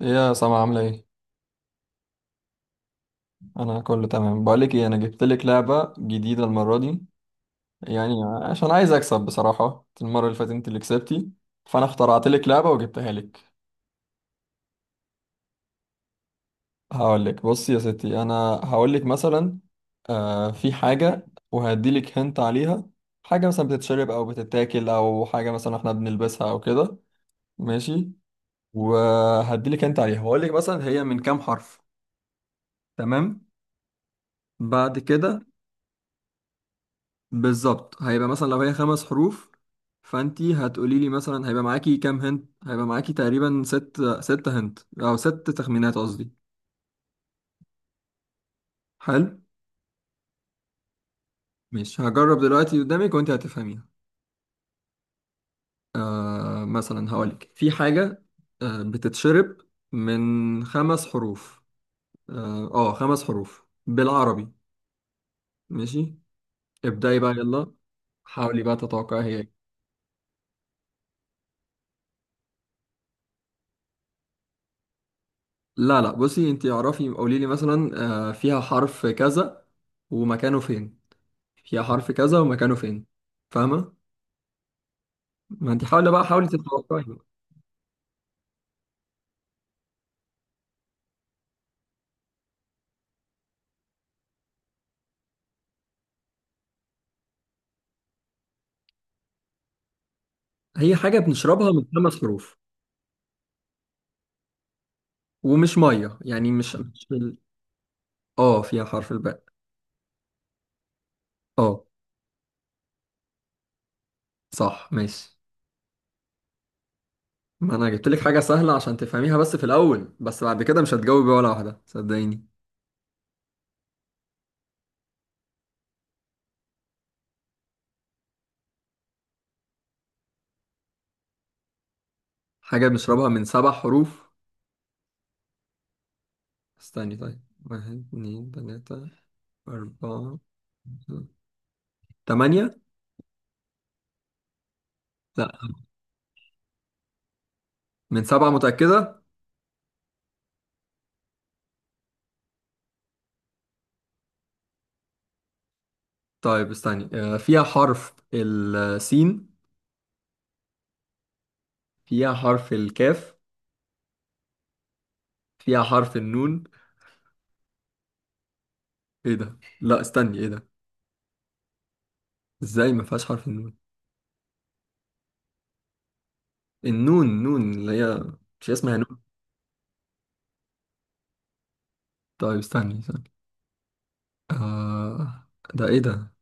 إيه يا سما عاملة ايه؟ أنا كله تمام. بقولك ايه، أنا جبت لك لعبة جديدة المرة دي يعني، عشان عايز أكسب بصراحة. المرة اللي فاتت أنت اللي كسبتي، فأنا اخترعت لك لعبة وجبتها لك. هقولك بصي يا ستي، أنا هقولك مثلا في حاجة، وهديلك هنت عليها. حاجة مثلا بتتشرب أو بتتاكل، أو حاجة مثلا احنا بنلبسها أو كده. ماشي، وهديلك هنت عليها، وهقولك مثلا هي من كام حرف، تمام؟ بعد كده بالظبط هيبقى مثلا لو هي خمس حروف، فانتي هتقولي لي مثلا هيبقى معاكي كام هنت. هيبقى معاكي تقريبا ست، ست هنت او ست تخمينات قصدي. حلو، مش هجرب دلوقتي قدامك وانتي هتفهميها. مثلا هقولك في حاجة بتتشرب من خمس حروف. اه خمس حروف بالعربي، ماشي، ابدأي بقى يلا. حاولي بقى تتوقعي هي إيه. لا لا، بصي انتي اعرفي قولي لي مثلا فيها حرف كذا ومكانه فين، فيها حرف كذا ومكانه فين، فاهمة؟ ما انت حاولي بقى، حاولي تتوقعي بقى. هي حاجة بنشربها من خمس حروف، ومش مية يعني، مش مش ال... اه فيها حرف الباء. اه صح، ماشي. ما انا جبت لك حاجة سهلة عشان تفهميها بس في الأول، بس بعد كده مش هتجاوبي ولا واحدة، صدقيني. حاجة بنشربها من سبع حروف. استني طيب، واحد اتنين تلاتة أربعة تمانية. لا، من سبعة متأكدة؟ طيب استني، فيها حرف السين، فيها حرف الكاف، فيها حرف النون. ايه ده، لا استني ايه ده، ازاي ما فيهاش حرف النون؟ النون، نون اللي هي، مش اسمها نون؟ طيب استني استني، آه ده ايه ده؟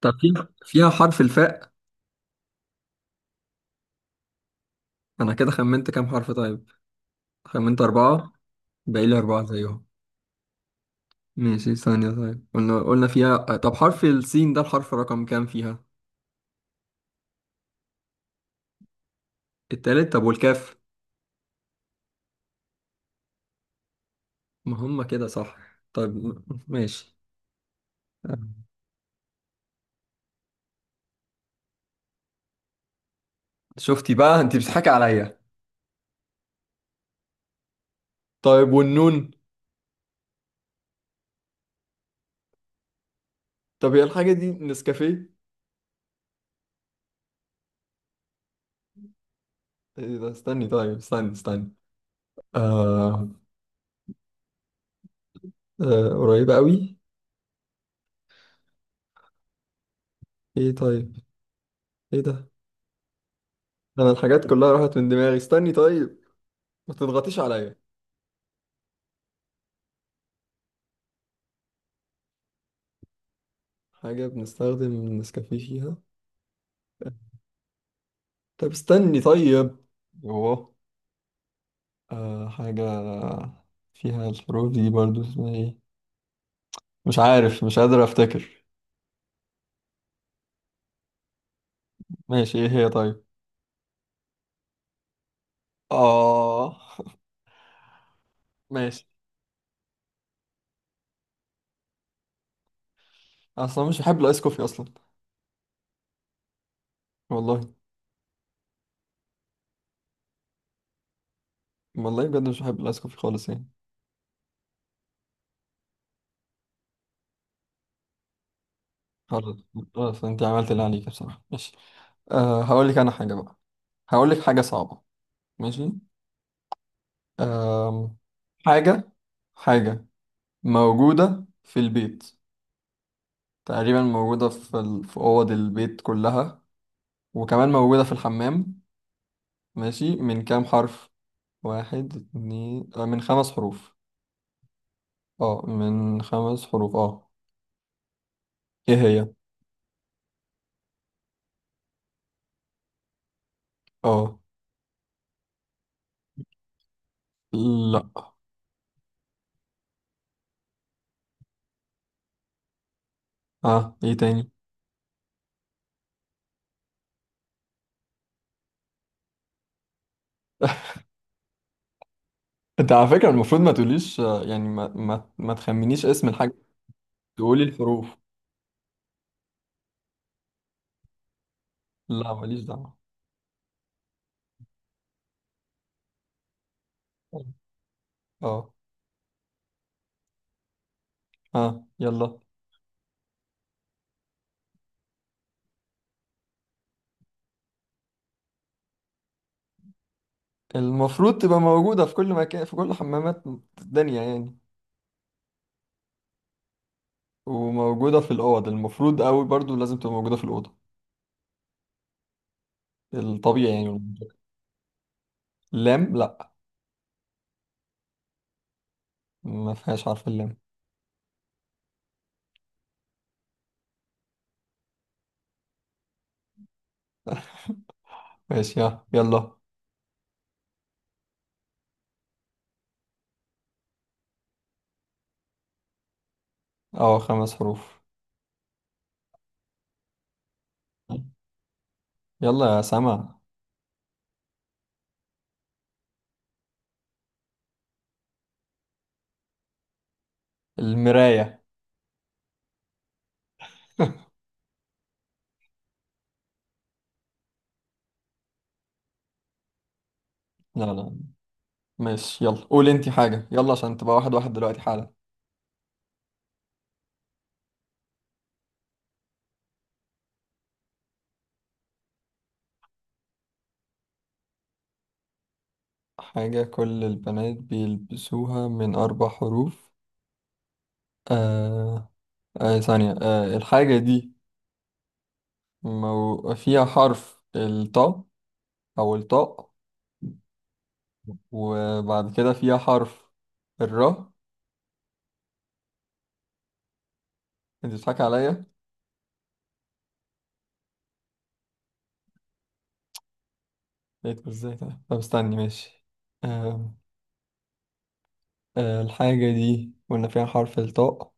طب فيها حرف الفاء. انا كده خمنت كام حرف طيب، خمنت أربعة، باقي لي أربعة زيهم. ماشي ثانية، طيب قلنا فيها طب حرف السين، ده الحرف رقم كام فيها؟ التالت، طب والكاف؟ ما هم كده صح. طيب ماشي. آه، شفتي بقى، انت بتضحكي عليا. طيب والنون؟ طب هي الحاجة دي نسكافيه؟ ايه ده، استني طيب، استني استني، آه, آه قريبة قوي. ايه طيب، ايه ده، انا الحاجات كلها راحت من دماغي، استني طيب، ما تضغطيش عليا. حاجة بنستخدم النسكافيه فيها. طب استني طيب، اوه، حاجة فيها الحروف دي برضو، اسمها ايه؟ مش عارف، مش قادر افتكر. ماشي، ايه هي طيب؟ اه ماشي. اصلا مش بحب الايس كوفي اصلا. والله، والله بجد مش بحب الايس كوفي خالص يعني. خلاص، خلاص انت عملت اللي عليك بصراحة، ماشي. أه هقول لك انا حاجة بقى، هقول لك حاجة صعبة. ماشي، أه، حاجة حاجة موجودة في البيت، تقريبا موجودة في أوض البيت كلها، وكمان موجودة في الحمام. ماشي، من كام حرف؟ واحد اتنين، من خمس حروف، اه من خمس حروف اه. ايه هي؟ اه لا، اه ايه تاني؟ انت على فكرة المفروض ما تقوليش، يعني ما تخمنيش اسم الحاجة، تقولي الحروف. لا ماليش دعوة. اه، اه يلا. المفروض تبقى موجودة في كل مكان، في كل حمامات الدنيا يعني، وموجودة في الأوض المفروض أوي برضو، لازم تبقى موجودة في الأوضة الطبيعي يعني. لام، لا ما فيهاش حرف اللام. ماشي اه يلا. اه خمس حروف، يلا يا سما. المراية. لا لا ماشي، يلا قول انتي حاجة يلا، عشان تبقى واحد واحد دلوقتي حالا. حاجة كل البنات بيلبسوها، من أربع حروف. آه، ثانية، الحاجة دي فيها حرف الطاء، أو الطاء. وبعد كده فيها حرف الراء؟ أنت بتضحك عليا. لقيته إزاي ده، طب استني ماشي. آه آه الحاجة دي قلنا فيها حرف الطاء،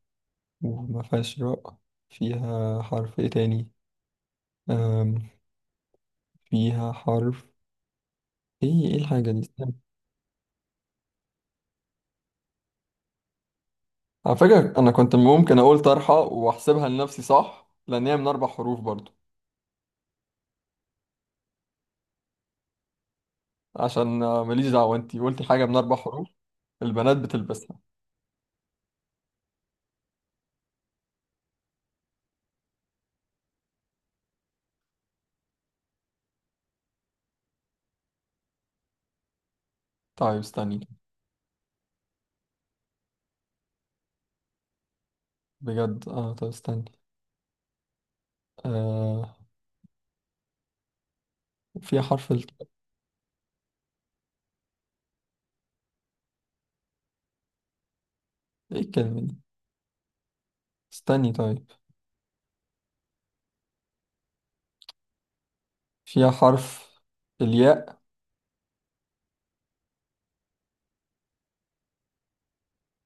وما فيهاش راء، فيها حرف إيه تاني؟ آم فيها حرف إيه، إيه الحاجة دي، استنى. على فكرة أنا كنت ممكن أقول طرحة وأحسبها لنفسي صح، لأن هي من أربع حروف برضه. عشان، ماليش دعوة، انتي قلتي حاجة من أربع حروف البنات بتلبسها. طيب استني، بجد اه، طب استني آه فيها ايه الكلمة دي، استني طيب. فيها حرف الياء.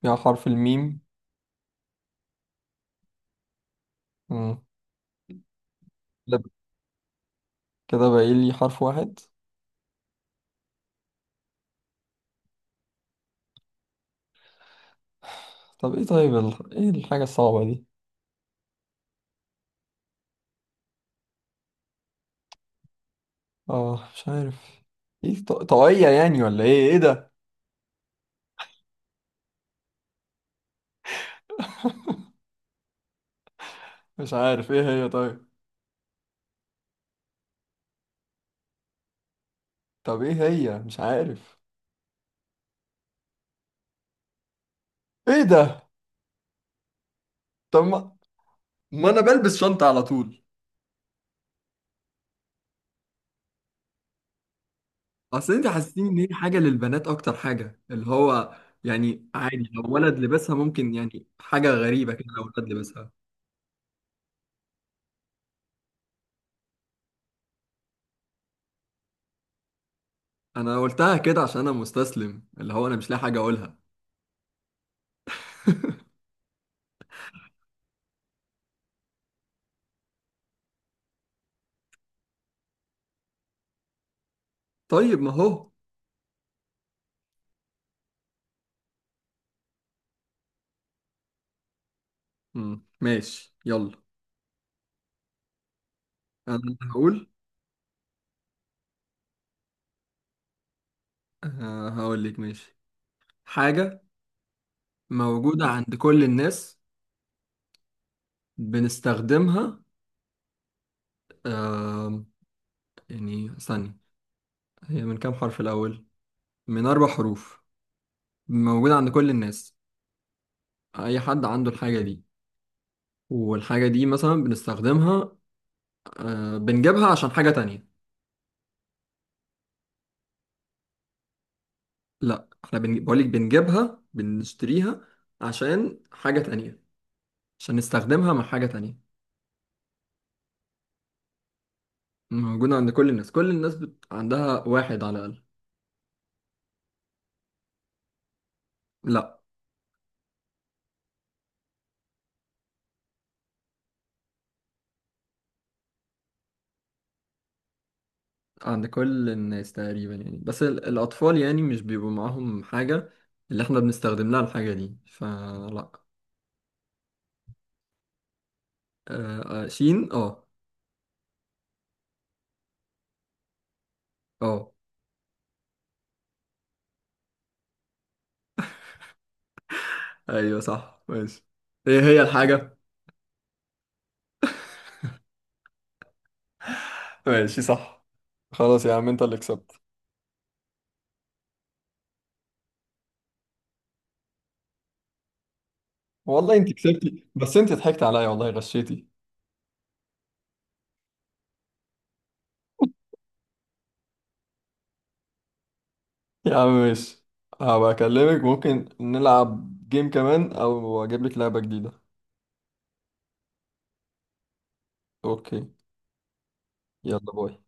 فيها حرف الميم. مم. كده، كده باقي لي حرف واحد. طب ايه طيب، ايه الحاجة الصعبة دي، اه مش عارف. ايه طاقية يعني، ولا ايه، ايه ده؟ مش عارف، ايه هي طيب؟ طب ايه هي، مش عارف. ايه ده، طب ما, ما انا بلبس شنطة على طول. اصل انت حاسين ان هي حاجه للبنات اكتر، حاجه اللي هو يعني، عادي لو ولد لبسها ممكن، يعني حاجه غريبه كده لو ولد لبسها. انا قلتها كده عشان انا مستسلم، اللي هو انا مش لاقي حاجه اقولها. طيب ما هو، مم. ماشي يلا. انا هقول. هقول لك ماشي، حاجه موجوده عند كل الناس، بنستخدمها. آم، يعني ثانيه، هي من كام حرف الاول؟ من اربع حروف، موجوده عند كل الناس، اي حد عنده الحاجه دي، والحاجة دي مثلا بنستخدمها، بنجيبها عشان حاجة تانية. لا، احنا بقولك بنجيبها، بنشتريها عشان حاجة تانية، عشان نستخدمها مع حاجة تانية. موجودة عند كل الناس، كل الناس عندها واحد على الأقل. لا عند كل الناس تقريبا يعني، بس الأطفال يعني مش بيبقوا معاهم حاجة اللي احنا بنستخدم لها الحاجة دي، فلا. شين اه، اه ايوه صح ماشي. ايه هي الحاجة؟ ماشي صح، خلاص يا عم انت اللي كسبت. والله انت كسبتي، بس انت ضحكت عليا، والله غشيتي. يا عم ماشي، هبقى اكلمك ممكن نلعب جيم كمان، او اجيب لك لعبة جديدة. اوكي، يلا باي.